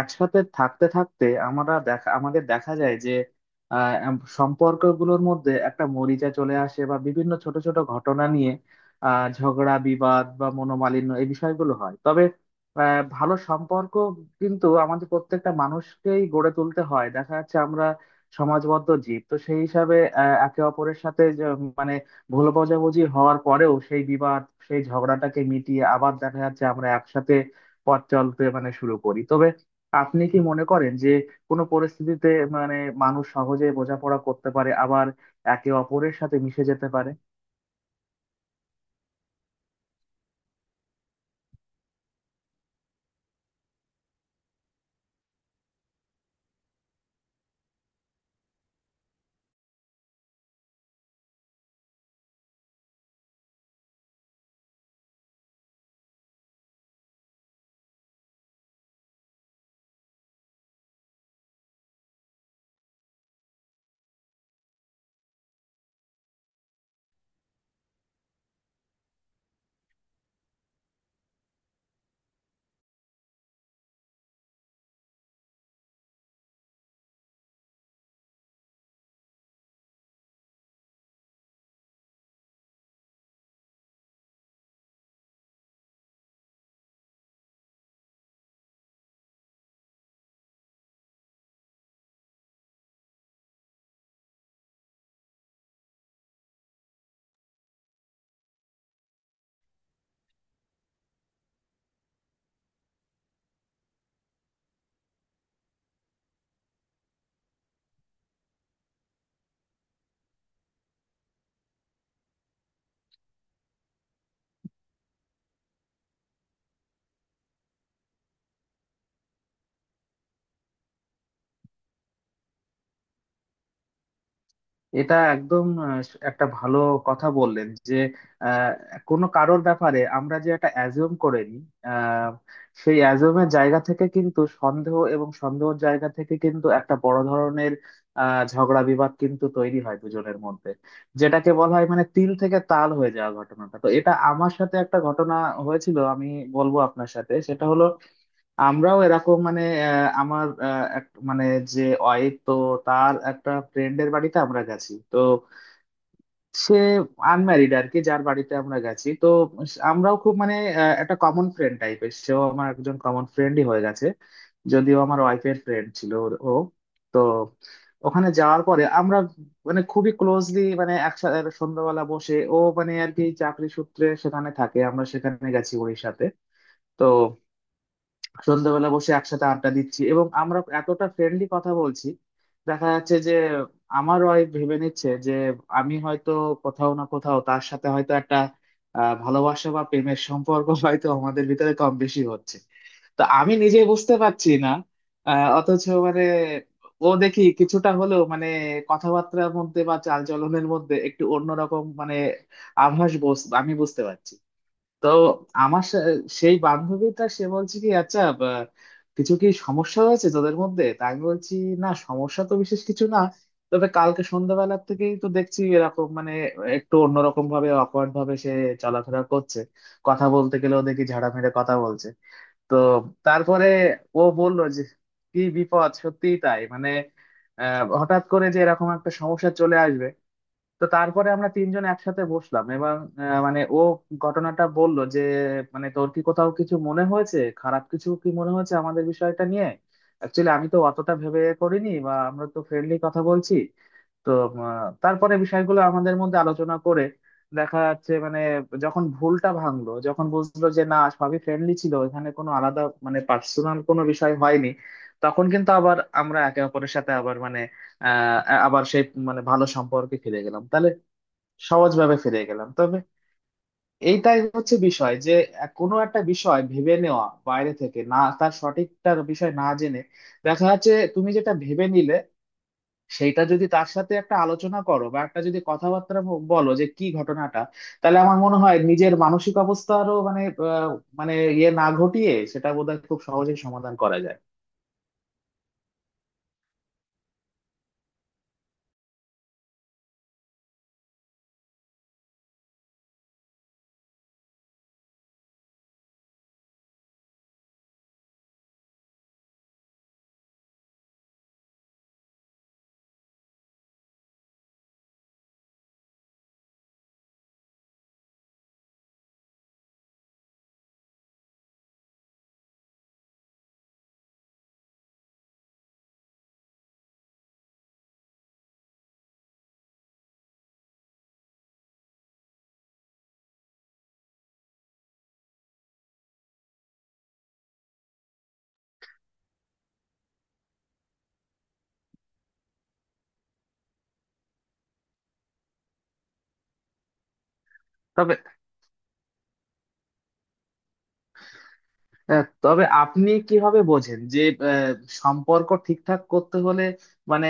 একসাথে থাকতে থাকতে আমরা আমাদের দেখা যায় যে সম্পর্কগুলোর মধ্যে একটা মরিচা চলে আসে বা বিভিন্ন ছোট ছোট ঘটনা নিয়ে ঝগড়া বিবাদ বা মনোমালিন্য এই বিষয়গুলো হয়। তবে ভালো সম্পর্ক কিন্তু আমাদের প্রত্যেকটা মানুষকেই গড়ে তুলতে হয়। দেখা যাচ্ছে আমরা সমাজবদ্ধ জীব, তো সেই হিসাবে একে অপরের সাথে যে, মানে ভুল বোঝাবুঝি হওয়ার পরেও সেই বিবাদ সেই ঝগড়াটাকে মিটিয়ে আবার দেখা যাচ্ছে আমরা একসাথে পথ চলতে শুরু করি। তবে আপনি কি মনে করেন যে কোনো পরিস্থিতিতে মানে মানুষ সহজে বোঝাপড়া করতে পারে, আবার একে অপরের সাথে মিশে যেতে পারে? এটা একদম একটা ভালো কথা বললেন যে আহ, কোনো কারোর ব্যাপারে আমরা যে একটা অ্যাজুম করে নিই, আহ, সেই অ্যাজুমের জায়গা থেকে কিন্তু সন্দেহ, এবং সন্দেহের জায়গা থেকে কিন্তু একটা বড় ধরনের ঝগড়া বিবাদ কিন্তু তৈরি হয় দুজনের মধ্যে, যেটাকে বলা হয় মানে তিল থেকে তাল হয়ে যাওয়া ঘটনাটা। তো এটা আমার সাথে একটা ঘটনা হয়েছিল, আমি বলবো আপনার সাথে। সেটা হলো, আমরাও এরকম মানে আমার এক মানে যে ওয়াইফ তো তার একটা ফ্রেন্ডের বাড়িতে আমরা গেছি। তো সে আনম্যারিড আর কি, যার বাড়িতে আমরা গেছি। তো আমরাও খুব মানে একটা কমন ফ্রেন্ড টাইপের, সেও আমার একজন কমন ফ্রেন্ডই হয়ে গেছে, যদিও আমার ওয়াইফের ফ্রেন্ড ছিল ও। তো ওখানে যাওয়ার পরে আমরা মানে খুবই ক্লোজলি মানে একসাথে সন্ধ্যাবেলা বসে, ও মানে আর কি চাকরি সূত্রে সেখানে থাকে, আমরা সেখানে গেছি ওর সাথে। তো সন্ধ্যাবেলা বসে একসাথে আড্ডা দিচ্ছি এবং আমরা এতটা ফ্রেন্ডলি কথা বলছি, দেখা যাচ্ছে যে আমার ওয়াইফ ভেবে নিচ্ছে যে আমি হয়তো কোথাও না কোথাও তার সাথে হয়তো একটা ভালোবাসা বা প্রেমের সম্পর্ক হয়তো আমাদের ভিতরে কম বেশি হচ্ছে। তো আমি নিজেই বুঝতে পারছি না, অথচ মানে ও দেখি কিছুটা হলেও মানে কথাবার্তার মধ্যে বা চালচলনের মধ্যে একটু অন্যরকম মানে আভাস বস আমি বুঝতে পারছি। তো আমার সা- সেই বান্ধবীটা সে বলছে কি, আচ্ছা বা, কিছু কি সমস্যা হয়েছে তোদের মধ্যে? তা আমি বলছি, না সমস্যা তো বিশেষ কিছু না, তবে কালকে সন্ধ্যাবেলার থেকেই তো দেখছি এরকম মানে একটু অন্যরকম ভাবে অকওয়ার্ড ভাবে সে চলাফেরা করছে, কথা বলতে গেলেও দেখি ঝাড়া মেরে কথা বলছে। তো তারপরে ও বললো যে কি বিপদ, সত্যিই তাই মানে, আহ হঠাৎ করে যে এরকম একটা সমস্যা চলে আসবে। তো তারপরে আমরা তিনজন একসাথে বসলাম এবং আহ, মানে ও ঘটনাটা বলল যে মানে তোর কি কোথাও কিছু মনে হয়েছে, খারাপ কিছু কি মনে হয়েছে আমাদের বিষয়টা নিয়ে? অ্যাকচুয়ালি আমি তো অতটা ভেবে করিনি, বা আমরা তো ফ্রেন্ডলি কথা বলছি। তো তারপরে বিষয়গুলো আমাদের মধ্যে আলোচনা করে দেখা যাচ্ছে মানে যখন ভুলটা ভাঙলো, যখন বুঝলো যে না সবই ফ্রেন্ডলি ছিল, এখানে কোনো আলাদা মানে পার্সোনাল কোনো বিষয় হয়নি, তখন কিন্তু আবার আমরা একে অপরের সাথে আবার মানে আহ আবার সেই মানে ভালো সম্পর্কে ফিরে গেলাম। তাহলে সহজভাবে ফিরে গেলাম। তবে এইটাই হচ্ছে বিষয় যে কোনো একটা বিষয় ভেবে নেওয়া বাইরে থেকে, না তার সঠিকটা বিষয় না জেনে, দেখা যাচ্ছে তুমি যেটা ভেবে নিলে সেইটা যদি তার সাথে একটা আলোচনা করো বা একটা যদি কথাবার্তা বলো যে কি ঘটনাটা, তাহলে আমার মনে হয় নিজের মানসিক অবস্থারও মানে মানে ইয়ে না ঘটিয়ে সেটা বোধহয় খুব সহজেই সমাধান করা যায়। তবে হ্যাঁ, তবে আপনি কিভাবে বোঝেন যে আহ, সম্পর্ক ঠিকঠাক করতে হলে মানে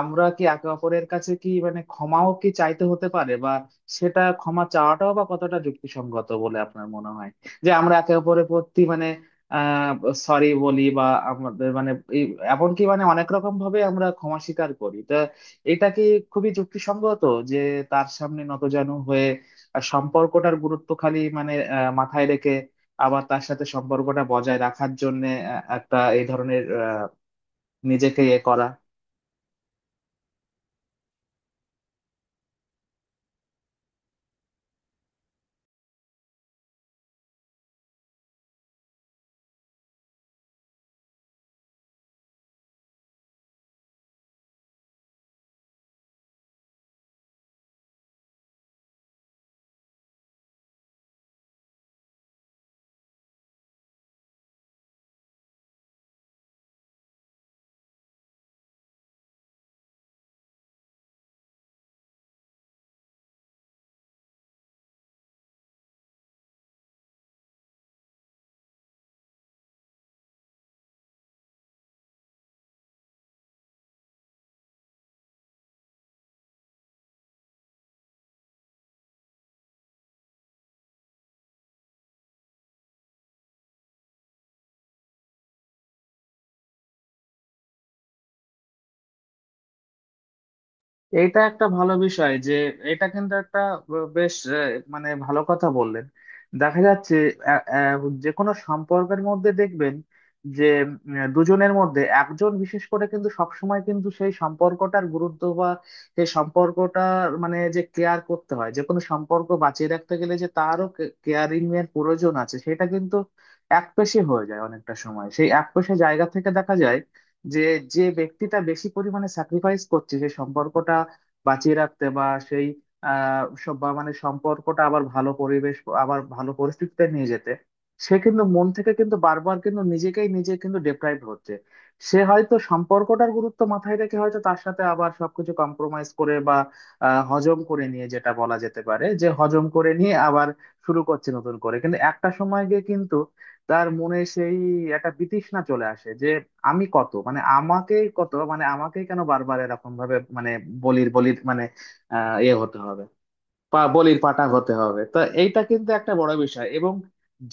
আমরা কি একে অপরের কাছে কি মানে ক্ষমাও কি চাইতে হতে পারে? বা সেটা ক্ষমা চাওয়াটাও বা কতটা যুক্তিসঙ্গত বলে আপনার মনে হয় যে আমরা একে অপরের প্রতি মানে আহ সরি বলি বা আমাদের মানে এই- এমনকি মানে অনেক রকম ভাবে আমরা ক্ষমা স্বীকার করি। তো এটা কি খুবই যুক্তিসঙ্গত যে তার সামনে নতজানু হয়ে আর সম্পর্কটার গুরুত্ব খালি মানে মাথায় রেখে আবার তার সাথে সম্পর্কটা বজায় রাখার জন্য একটা এই ধরনের আহ, নিজেকে ইয়ে করা? এটা একটা ভালো বিষয় যে, এটা কিন্তু একটা বেশ মানে ভালো কথা বললেন। দেখা যাচ্ছে আ- আ, যে কোনো সম্পর্কের মধ্যে দেখবেন যে দুজনের মধ্যে একজন বিশেষ করে কিন্তু সবসময় কিন্তু সেই সম্পর্কটার গুরুত্ব বা সেই সম্পর্কটার মানে যে কেয়ার করতে হয়, যে কোনো সম্পর্ক বাঁচিয়ে রাখতে গেলে যে তারও কেয়ারিং এর প্রয়োজন আছে, সেটা কিন্তু একপেশে হয়ে যায় অনেকটা সময়। সেই একপেশে জায়গা থেকে দেখা যায় যে, যে ব্যক্তিটা বেশি পরিমাণে স্যাক্রিফাইস করছে সেই সম্পর্কটা বাঁচিয়ে রাখতে বা সেই বা মানে সম্পর্কটা আবার ভালো পরিবেশ, আবার ভালো পরিস্থিতিতে নিয়ে যেতে, সে কিন্তু মন থেকে কিন্তু বারবার কিন্তু নিজেকেই নিজে কিন্তু ডেপ্রাইভ হচ্ছে। সে হয়তো সম্পর্কটার গুরুত্ব মাথায় রেখে হয়তো তার সাথে আবার সবকিছু কম্প্রোমাইজ করে বা হজম করে নিয়ে, যেটা বলা যেতে পারে যে হজম করে নিয়ে আবার শুরু করছে নতুন করে, কিন্তু একটা সময় গিয়ে কিন্তু তার মনে সেই একটা বিতৃষ্ণা চলে আসে যে আমি কত মানে আমাকেই কত মানে আমাকেই কেন বারবার এরকম ভাবে মানে বলির বলির মানে আহ ইয়ে হতে হবে, বলির পাটা হতে হবে। তো এইটা কিন্তু একটা বড় বিষয় এবং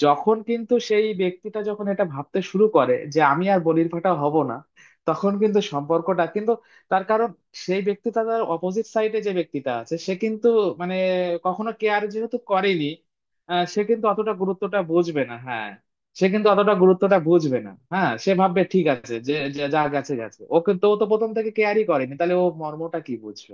যখন কিন্তু সেই ব্যক্তিটা যখন এটা ভাবতে শুরু করে যে আমি আর বলির পাটা হব না, তখন কিন্তু সম্পর্কটা কিন্তু, তার কারণ সেই ব্যক্তিটা তার অপোজিট সাইডে যে ব্যক্তিটা আছে সে কিন্তু মানে কখনো কেয়ার যেহেতু করেনি, সে কিন্তু অতটা গুরুত্বটা বুঝবে না। হ্যাঁ, সে কিন্তু অতটা গুরুত্বটা বুঝবে না। হ্যাঁ, সে ভাববে ঠিক আছে যে যে যা গেছে গেছে, ও কিন্তু ও তো প্রথম থেকে কেয়ারই করেনি, তাহলে ও মর্মটা কি বুঝবে?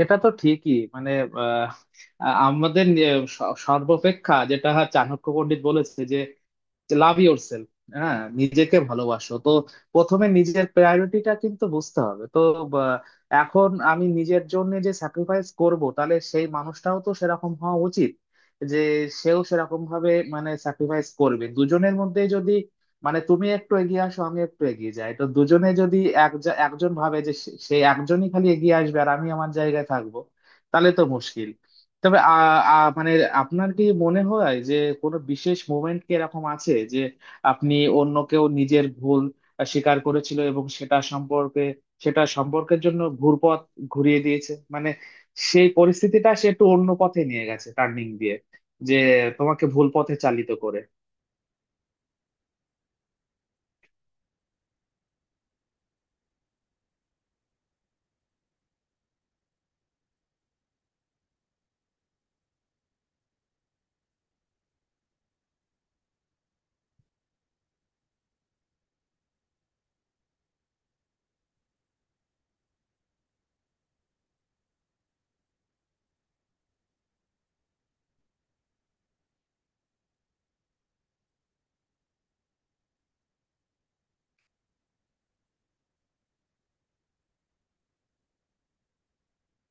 এটা তো ঠিকই মানে আহ, আমাদের সর্বাপেক্ষা যেটা চাণক্য পণ্ডিত বলেছে যে, যে লাভ ইয়োর সেলফ, হ্যাঁ, নিজেকে ভালোবাসো। তো প্রথমে নিজের প্রায়োরিটিটা কিন্তু বুঝতে হবে। তো বা, এখন আমি নিজের জন্য যে স্যাক্রিফাইস করব, তাহলে সেই মানুষটাও তো সেরকম হওয়া উচিত যে সেও সেরকম ভাবে মানে স্যাক্রিফাইস করবে। দুজনের মধ্যে যদি মানে তুমি একটু এগিয়ে আসো আমি একটু এগিয়ে যাই, তো দুজনে যদি এক একজন ভাবে যে সে সে একজনই খালি এগিয়ে আসবে আর আমি আমার জায়গায় থাকবো, তাহলে তো মুশকিল। তবে আ আ মানে আপনার কি মনে হয় যে কোনো বিশেষ মোমেন্ট কি এরকম আছে যে আপনি অন্য কেউ নিজের ভুল স্বীকার করেছিল এবং সেটা সম্পর্কের জন্য ঘুরিয়ে দিয়েছে, মানে সেই পরিস্থিতিটা সে একটু অন্য পথে নিয়ে গেছে, টার্নিং দিয়ে, যে তোমাকে ভুল পথে চালিত করে?